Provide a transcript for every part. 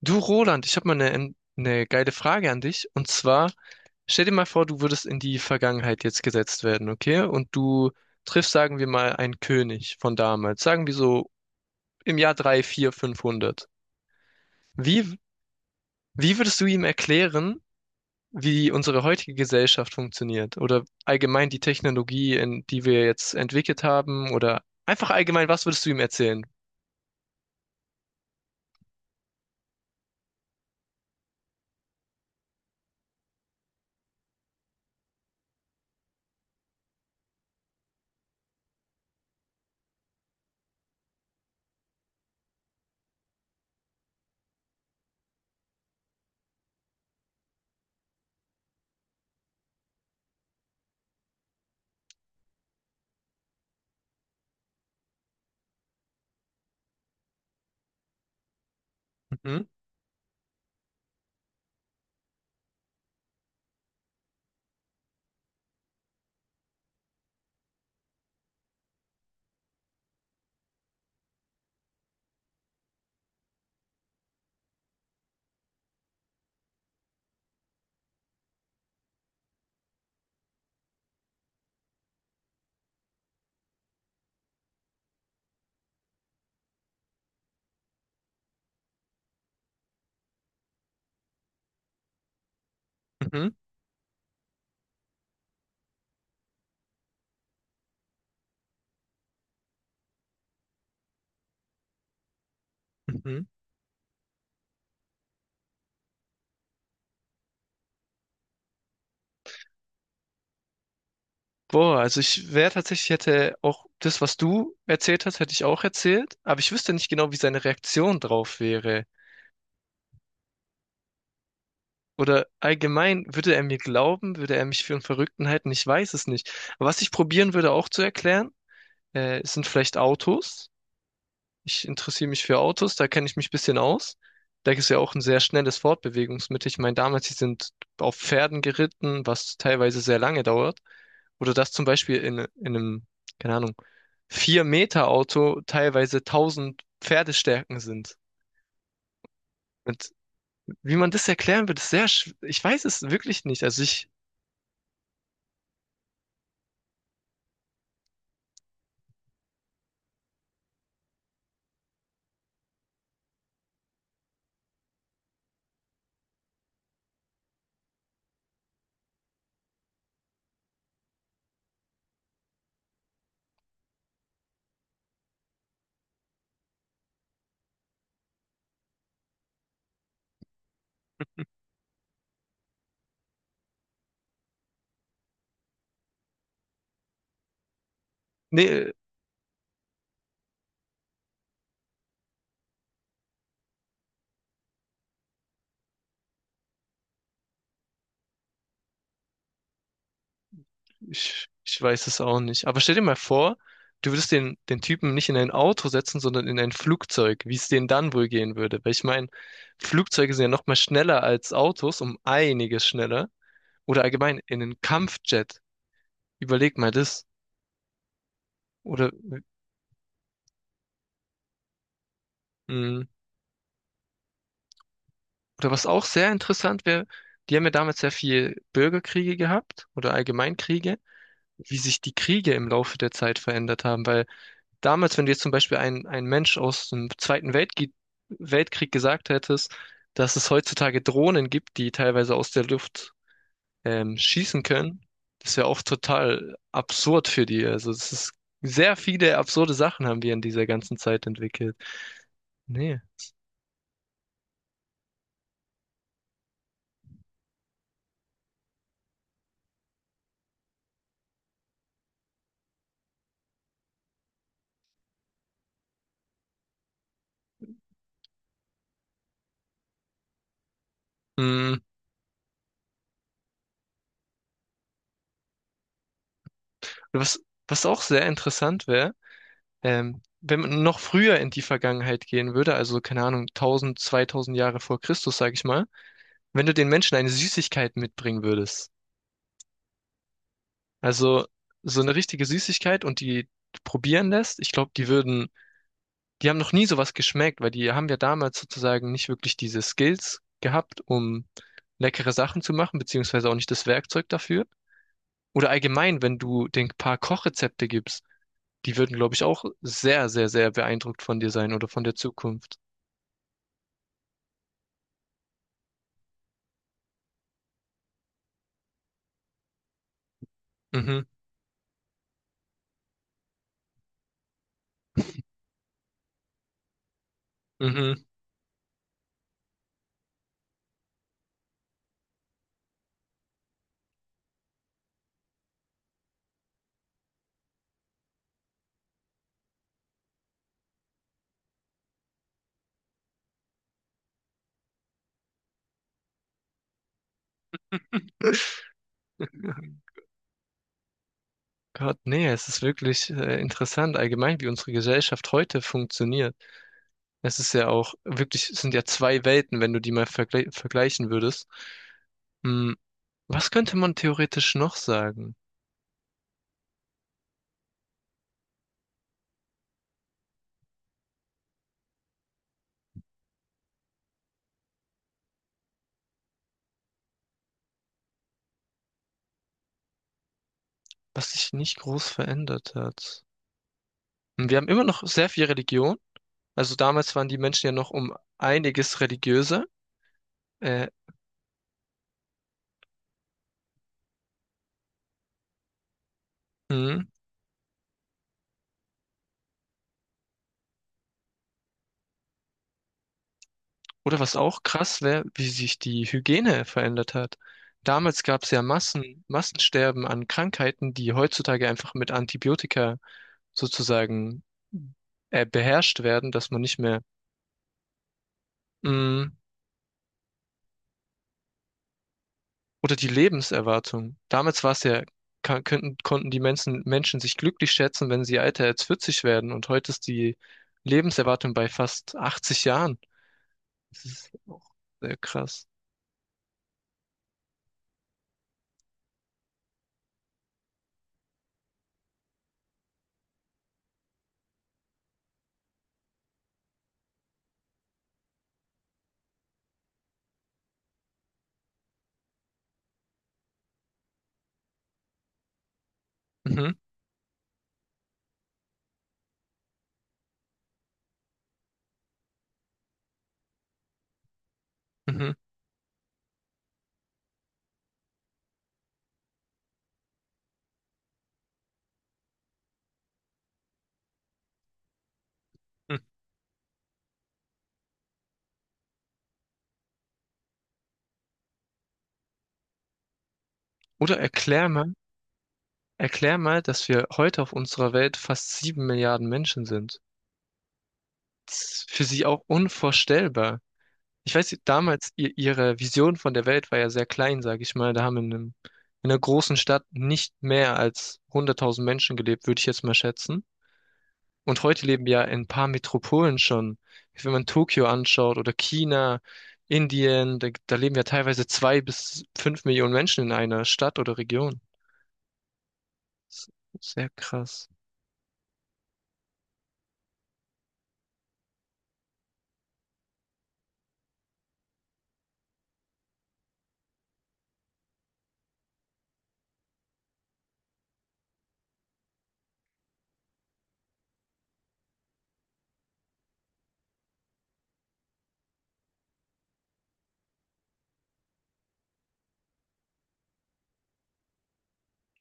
Du Roland, ich habe mal eine geile Frage an dich. Und zwar, stell dir mal vor, du würdest in die Vergangenheit jetzt gesetzt werden, okay? Und du triffst, sagen wir mal, einen König von damals, sagen wir so im Jahr 3, 4, 500. Wie, wie würdest du ihm erklären, wie unsere heutige Gesellschaft funktioniert oder allgemein die Technologie, in die wir jetzt entwickelt haben oder einfach allgemein, was würdest du ihm erzählen? Mhm, mhm, mhm. Boah, also ich wäre tatsächlich, hätte auch das, was du erzählt hast, hätte ich auch erzählt, aber ich wüsste nicht genau, wie seine Reaktion drauf wäre. Oder allgemein, würde er mir glauben, würde er mich für einen Verrückten halten? Ich weiß es nicht. Aber was ich probieren würde auch zu erklären, sind vielleicht Autos. Ich interessiere mich für Autos, da kenne ich mich ein bisschen aus. Da ist ja auch ein sehr schnelles Fortbewegungsmittel. Ich meine, damals, sie sind auf Pferden geritten, was teilweise sehr lange dauert. Oder dass zum Beispiel in einem, keine Ahnung, vier meter auto teilweise 1.000 Pferdestärken sind. Und wie man das erklären wird, ist sehr. Ich weiß es wirklich nicht. Nee. Ich weiß es auch nicht. Aber stell dir mal vor, du würdest den Typen nicht in ein Auto setzen, sondern in ein Flugzeug, wie es denen dann wohl gehen würde. Weil ich meine, Flugzeuge sind ja noch mal schneller als Autos, um einiges schneller. Oder allgemein in einen Kampfjet. Überleg mal das. Oder, mh, oder was auch sehr interessant wäre, die haben ja damals sehr viel Bürgerkriege gehabt oder Allgemeinkriege, wie sich die Kriege im Laufe der Zeit verändert haben, weil damals, wenn du jetzt zum Beispiel ein Mensch aus dem Zweiten Weltkrieg gesagt hättest, dass es heutzutage Drohnen gibt, die teilweise aus der Luft schießen können, das wäre auch total absurd für die. Also es ist sehr viele absurde Sachen haben wir in dieser ganzen Zeit entwickelt. Nee. Mm, was auch sehr interessant wäre, wenn man noch früher in die Vergangenheit gehen würde, also keine Ahnung, 1000, 2000 Jahre vor Christus, sag ich mal, wenn du den Menschen eine Süßigkeit mitbringen würdest. Also so eine richtige Süßigkeit und die probieren lässt, ich glaube, die würden, die haben noch nie sowas geschmeckt, weil die haben ja damals sozusagen nicht wirklich diese Skills gehabt, um leckere Sachen zu machen, beziehungsweise auch nicht das Werkzeug dafür. Oder allgemein, wenn du den paar Kochrezepte gibst, die würden, glaube ich, auch sehr, sehr, sehr beeindruckt von dir sein oder von der Zukunft. Mhm, mhm. Gott, nee, es ist wirklich interessant allgemein, wie unsere Gesellschaft heute funktioniert. Es ist ja auch wirklich, es sind ja zwei Welten, wenn du die mal vergleichen würdest. Hm, was könnte man theoretisch noch sagen, was sich nicht groß verändert hat? Hm, wir haben immer noch sehr viel Religion. Also damals waren die Menschen ja noch um einiges religiöser. Äh, hm. Oder was auch krass wäre, wie sich die Hygiene verändert hat. Damals gab es ja Massensterben an Krankheiten, die heutzutage einfach mit Antibiotika sozusagen beherrscht werden, dass man nicht mehr. Mm, Oder die Lebenserwartung. Damals war es ja, konnten die Menschen sich glücklich schätzen, wenn sie älter als 40 werden. Und heute ist die Lebenserwartung bei fast 80 Jahren. Das ist auch sehr krass. Mhm, mhm. Mhm. Oder erklär mal, dass wir heute auf unserer Welt fast 7 Milliarden Menschen sind. Das ist für sie auch unvorstellbar. Ich weiß, damals, ihre Vision von der Welt war ja sehr klein, sage ich mal. Da haben in einer großen Stadt nicht mehr als 100.000 Menschen gelebt, würde ich jetzt mal schätzen. Und heute leben ja in ein paar Metropolen schon. Wenn man Tokio anschaut oder China, Indien, da leben ja teilweise 2 bis 5 Millionen Menschen in einer Stadt oder Region. S- Sehr krass.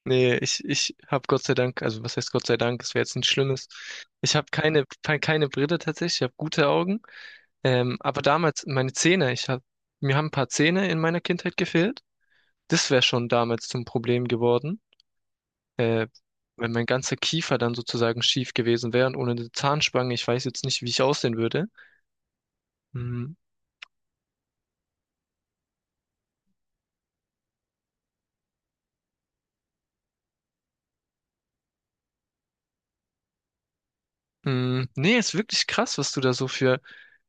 Nee, ich habe Gott sei Dank, also was heißt Gott sei Dank, es wäre jetzt nichts Schlimmes. Ich habe keine Brille tatsächlich, ich habe gute Augen. Aber damals, meine Zähne, mir haben ein paar Zähne in meiner Kindheit gefehlt. Das wäre schon damals zum Problem geworden. Äh, Wenn mein ganzer Kiefer dann sozusagen schief gewesen wäre und ohne eine Zahnspange, ich weiß jetzt nicht, wie ich aussehen würde. Mhm. Mhm. Nee, ist wirklich krass, was du da so für,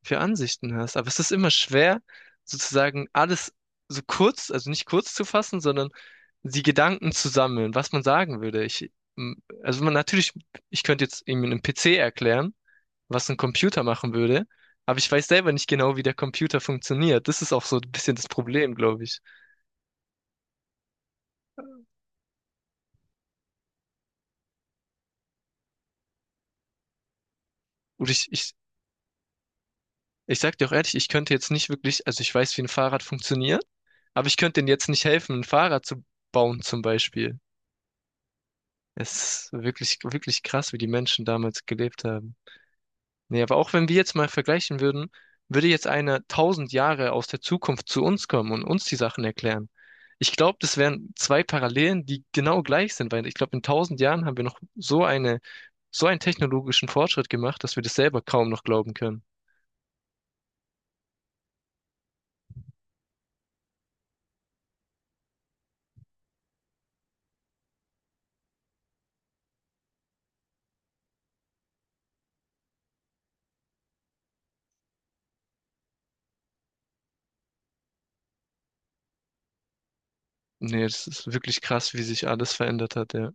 für Ansichten hast. Aber es ist immer schwer, sozusagen alles so kurz, also nicht kurz zu fassen, sondern die Gedanken zu sammeln, was man sagen würde. M- also man natürlich, ich könnte jetzt irgendwie einen PC erklären, was ein Computer machen würde. Aber ich weiß selber nicht genau, wie der Computer funktioniert. Das ist auch so ein bisschen das Problem, glaube ich. Und ich sag dir auch ehrlich, ich könnte jetzt nicht wirklich, also ich weiß, wie ein Fahrrad funktioniert, aber ich könnte denen jetzt nicht helfen, ein Fahrrad zu bauen zum Beispiel. Es ist wirklich, wirklich krass, wie die Menschen damals gelebt haben. Nee, aber auch wenn wir jetzt mal vergleichen würden, würde jetzt einer 1.000 Jahre aus der Zukunft zu uns kommen und uns die Sachen erklären. Ich glaube, das wären zwei Parallelen, die genau gleich sind, weil ich glaube, in 1.000 Jahren haben wir noch so einen technologischen Fortschritt gemacht, dass wir das selber kaum noch glauben können. Nee, das ist wirklich krass, wie sich alles verändert hat, ja.